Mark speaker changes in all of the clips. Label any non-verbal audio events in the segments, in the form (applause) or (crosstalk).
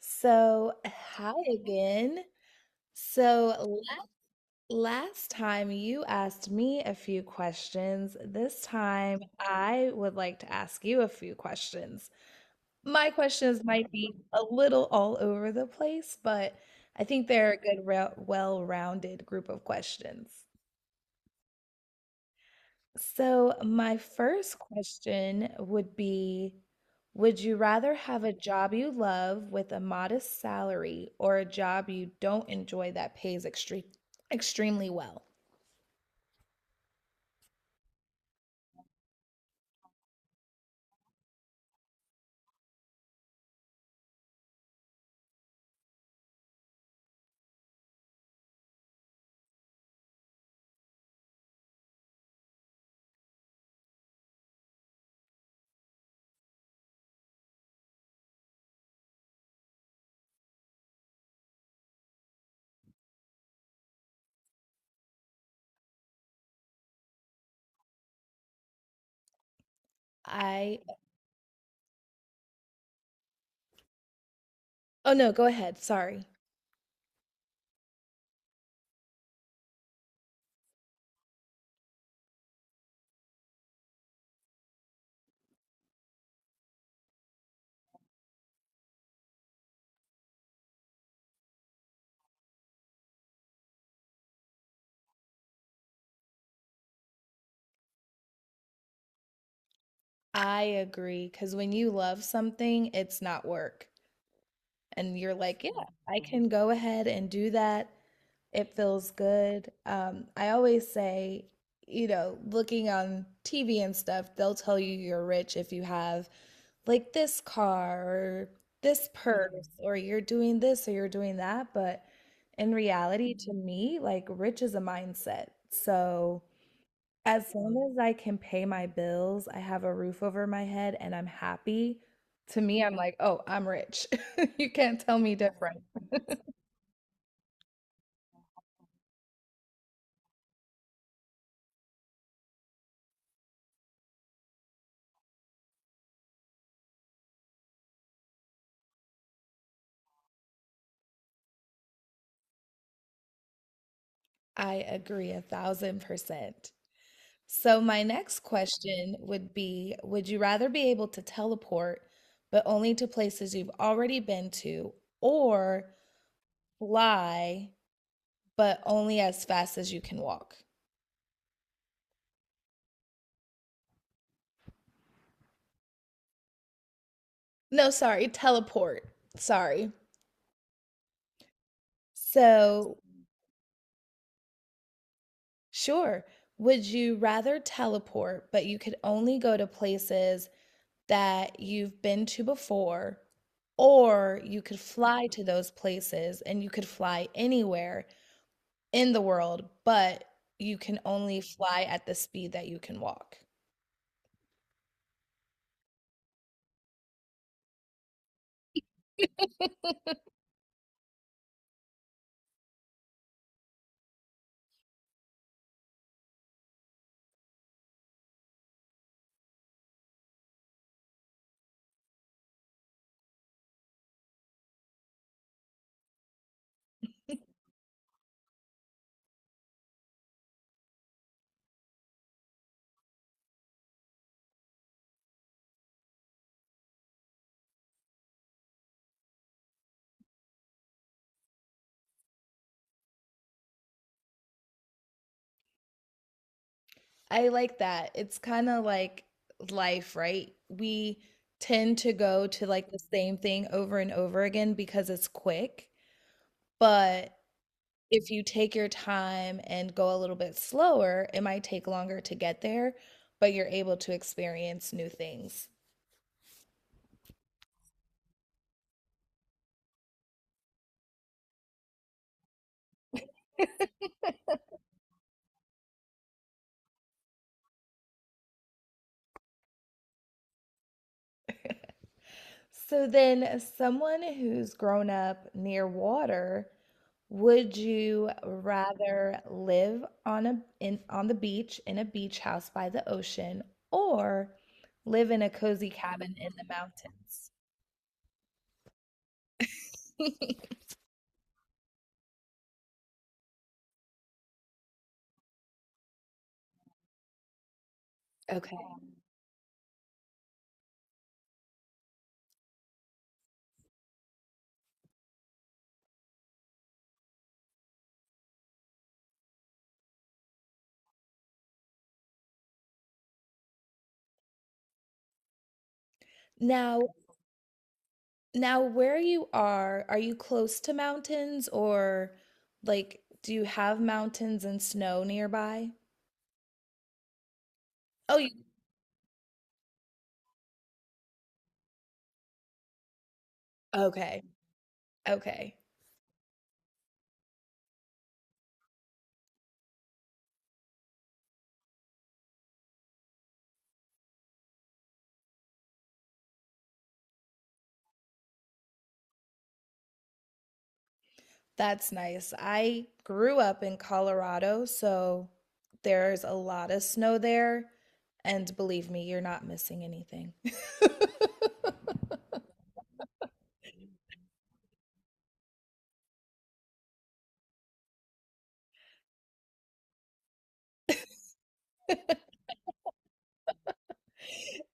Speaker 1: Hi again. So, la- Last time you asked me a few questions. This time I would like to ask you a few questions. My questions might be a little all over the place, but I think they're a well-rounded group of questions. So, my first question would be, would you rather have a job you love with a modest salary or a job you don't enjoy that pays extremely well? I, oh no, go ahead. Sorry. I agree. Because when you love something, it's not work. And you're like, yeah, I can go ahead and do that. It feels good. I always say, looking on TV and stuff, they'll tell you you're rich if you have like this car or this purse or you're doing this or you're doing that. But in reality, to me, like rich is a mindset. So as long as I can pay my bills, I have a roof over my head, and I'm happy, to me, I'm like, oh, I'm rich. (laughs) You can't tell me different. I agree 1000%. So, my next question would be, would you rather be able to teleport, but only to places you've already been to, or fly, but only as fast as you can walk? No, sorry, teleport. Sorry. So, sure. Would you rather teleport, but you could only go to places that you've been to before, or you could fly to those places and you could fly anywhere in the world, but you can only fly at the speed that you can walk. I like that. It's kind of like life, right? We tend to go to like the same thing over and over again because it's quick, but if you take your time and go a little bit slower, it might take longer to get there, but you're able to experience new things. So then, someone who's grown up near water, would you rather live on a in on the beach in a beach house by the ocean or live in a cozy cabin in the mountains? (laughs) Okay. Now, now where you are you close to mountains or like do you have mountains and snow nearby? Oh, you okay. Okay. That's nice. I grew up in Colorado, so there's a lot of snow there, and believe me, you're not missing anything. (laughs)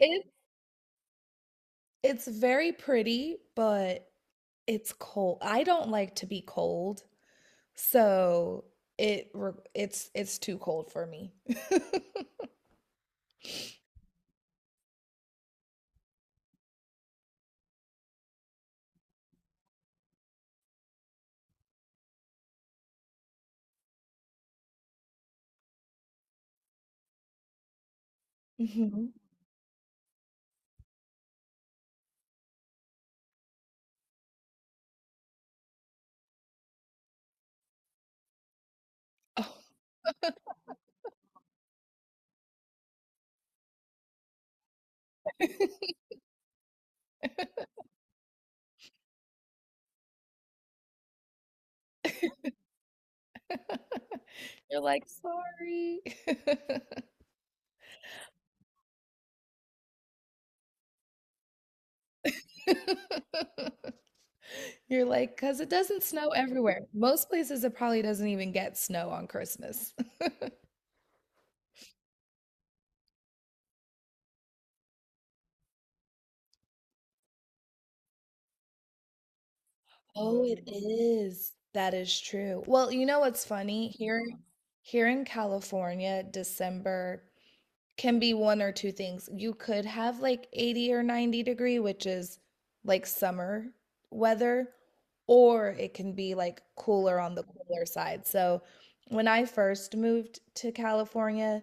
Speaker 1: It it's very pretty, but it's cold. I don't like to be cold. So it re- it's too cold for me. (laughs) hmm Oh. (laughs) You're like, sorry. (laughs) You're like, because it doesn't snow everywhere. Most places it probably doesn't even get snow on Christmas. (laughs) Oh, it is. That is true. Well, you know what's funny? Here in California, December can be one or two things. You could have like 80 or 90-degree, which is like summer weather, or it can be like cooler on the cooler side. So when I first moved to California,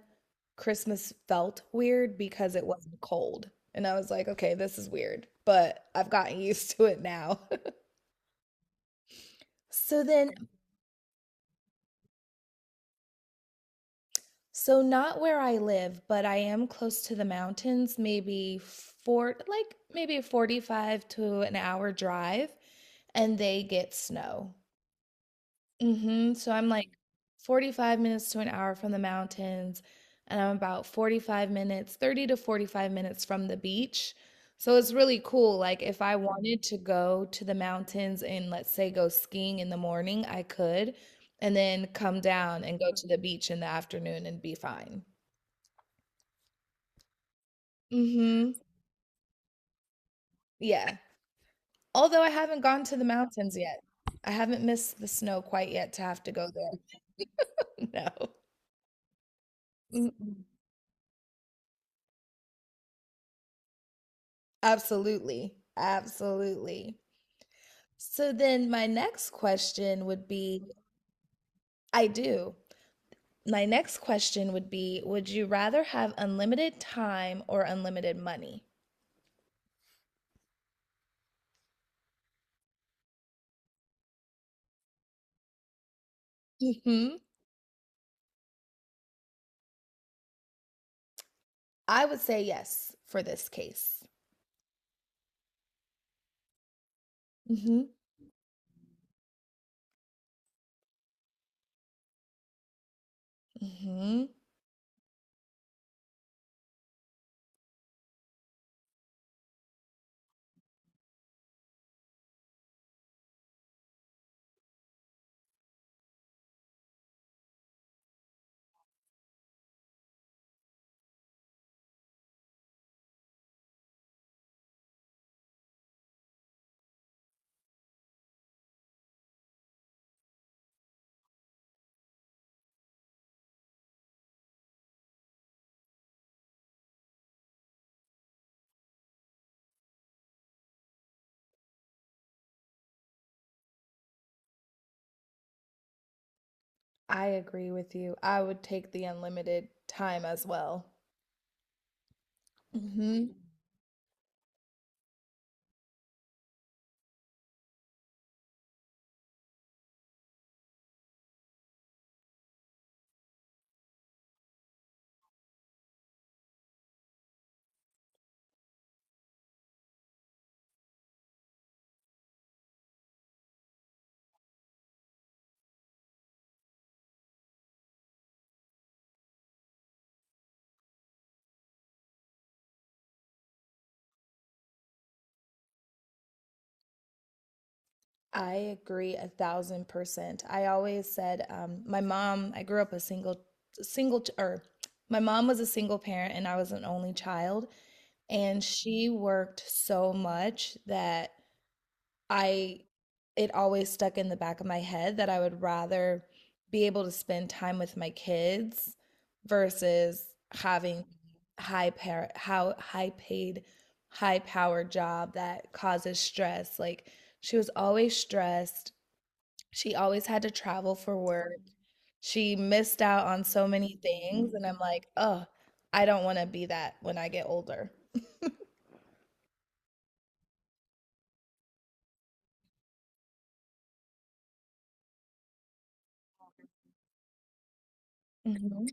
Speaker 1: Christmas felt weird because it wasn't cold. And I was like, okay, this is weird, but I've gotten (laughs) used to it now. (laughs) So then so not where I live, but I am close to the mountains, maybe four, like maybe 45 to an hour drive, and they get snow. Hmm. So I'm like 45 minutes to an hour from the mountains, and I'm about 45 minutes, 30 to 45 minutes from the beach. So it's really cool. Like if I wanted to go to the mountains and let's say go skiing in the morning, I could, and then come down and go to the beach in the afternoon and be fine. Mhm. Yeah. Although I haven't gone to the mountains yet. I haven't missed the snow quite yet to have to go there. (laughs) No. Mm-mm. Absolutely. Absolutely. So then my next question would be, I do. My next question would be, would you rather have unlimited time or unlimited money? Hmm. I would say yes for this case. Hmm. Hmm. I agree with you. I would take the unlimited time as well. Hmm. I agree 1000%. I always said, my mom, I grew up a single, single, or my mom was a single parent and I was an only child. And she worked so much that I, it always stuck in the back of my head that I would rather be able to spend time with my kids versus having high par how high paid, high powered job that causes stress. Like, she was always stressed, she always had to travel for work. She missed out on so many things, and I'm like, oh, I don't want to be that when I get older." Mhm.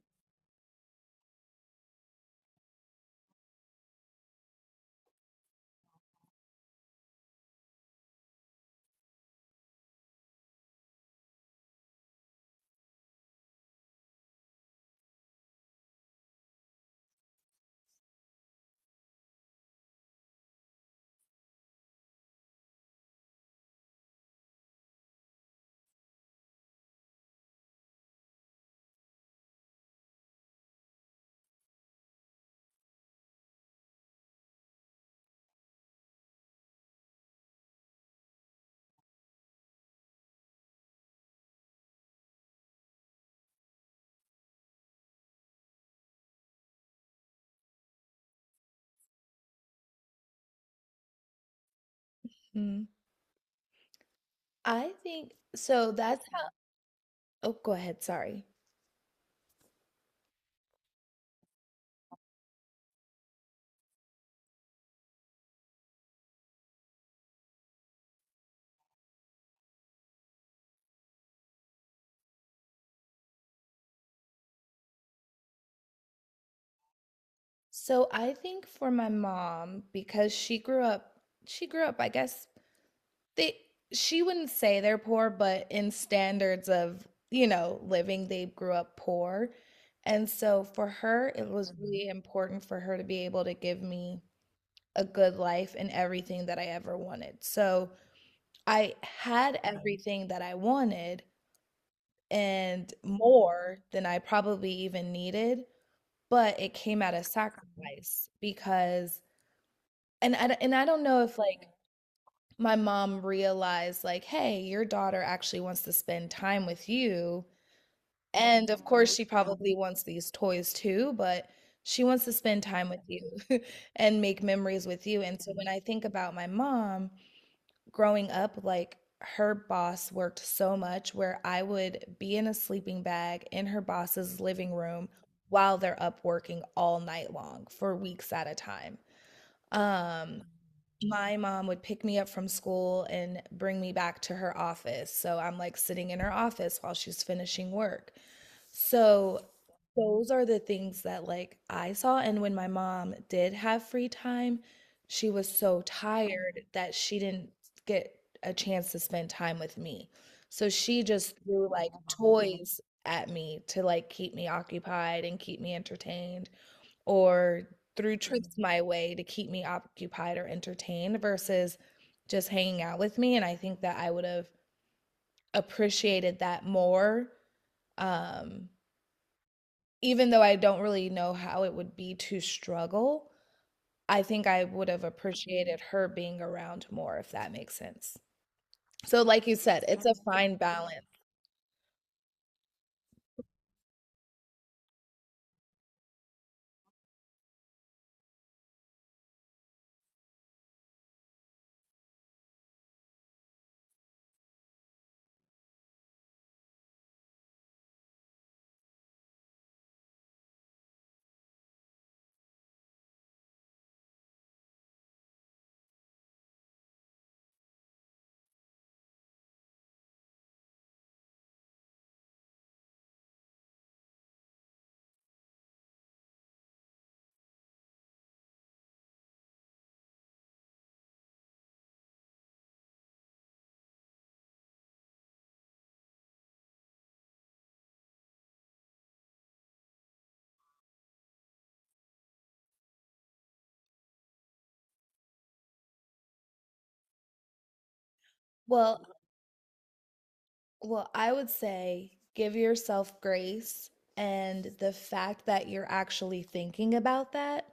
Speaker 1: Mm. I think so that's how Oh, go ahead, sorry. So I think for my mom, because she grew up, I guess they she wouldn't say they're poor, but in standards of, you know, living, they grew up poor. And so for her, it was Mhm. really important for her to be able to give me a good life and everything that I ever wanted. So I had everything that I wanted and more than I probably even needed, but it came at a sacrifice because and I don't know if like my mom realized like, "Hey, your daughter actually wants to spend time with you." And of course she probably wants these toys too, but she wants to spend time with you (laughs) and make memories with you. And so when I think about my mom, growing up, like her boss worked so much where I would be in a sleeping bag in her boss's living room while they're up working all night long for weeks at a time. Um, my mom would pick me up from school and bring me back to her office. So I'm like sitting in her office while she's finishing work. So those are the things that like I saw. And when my mom did have free time, she was so tired that she didn't get a chance to spend time with me. So she just threw like toys at me to like keep me occupied and keep me entertained, or threw tricks my way to keep me occupied or entertained versus just hanging out with me. And I think that I would have appreciated that more. Um, even though I don't really know how it would be to struggle, I think I would have appreciated her being around more, if that makes sense. So, like you said, it's a fine balance. Well, well, I would say give yourself grace and the fact that you're actually thinking about that,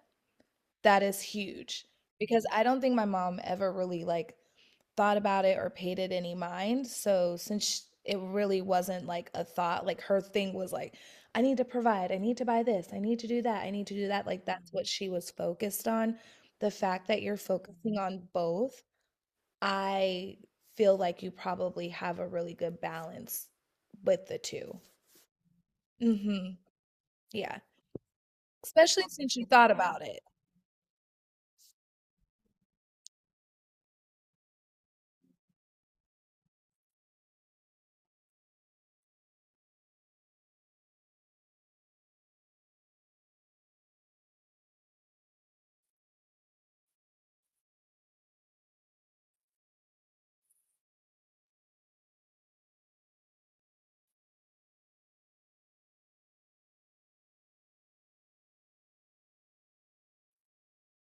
Speaker 1: that is huge because I don't think my mom ever really like thought about it or paid it any mind. So since sh it really wasn't like a thought, like her thing was like, I need to provide, I need to buy this, I need to do that, I need to do that. Like that's what she was focused on. The fact that you're focusing on both, I feel like you probably have a really good balance with the two. Mm-hmm. Yeah. Especially since you thought about it.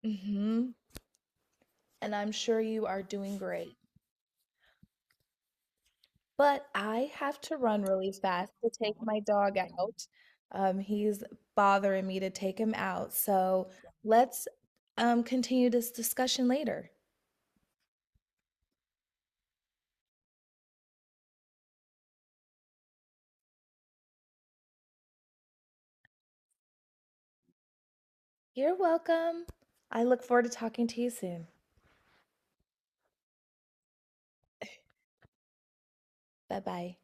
Speaker 1: Mm-hmm. And I'm sure you are doing great. But I have to run really fast to take my dog out. He's bothering me to take him out. So let's continue this discussion later. You're welcome. I look forward to talking to you soon. Bye bye.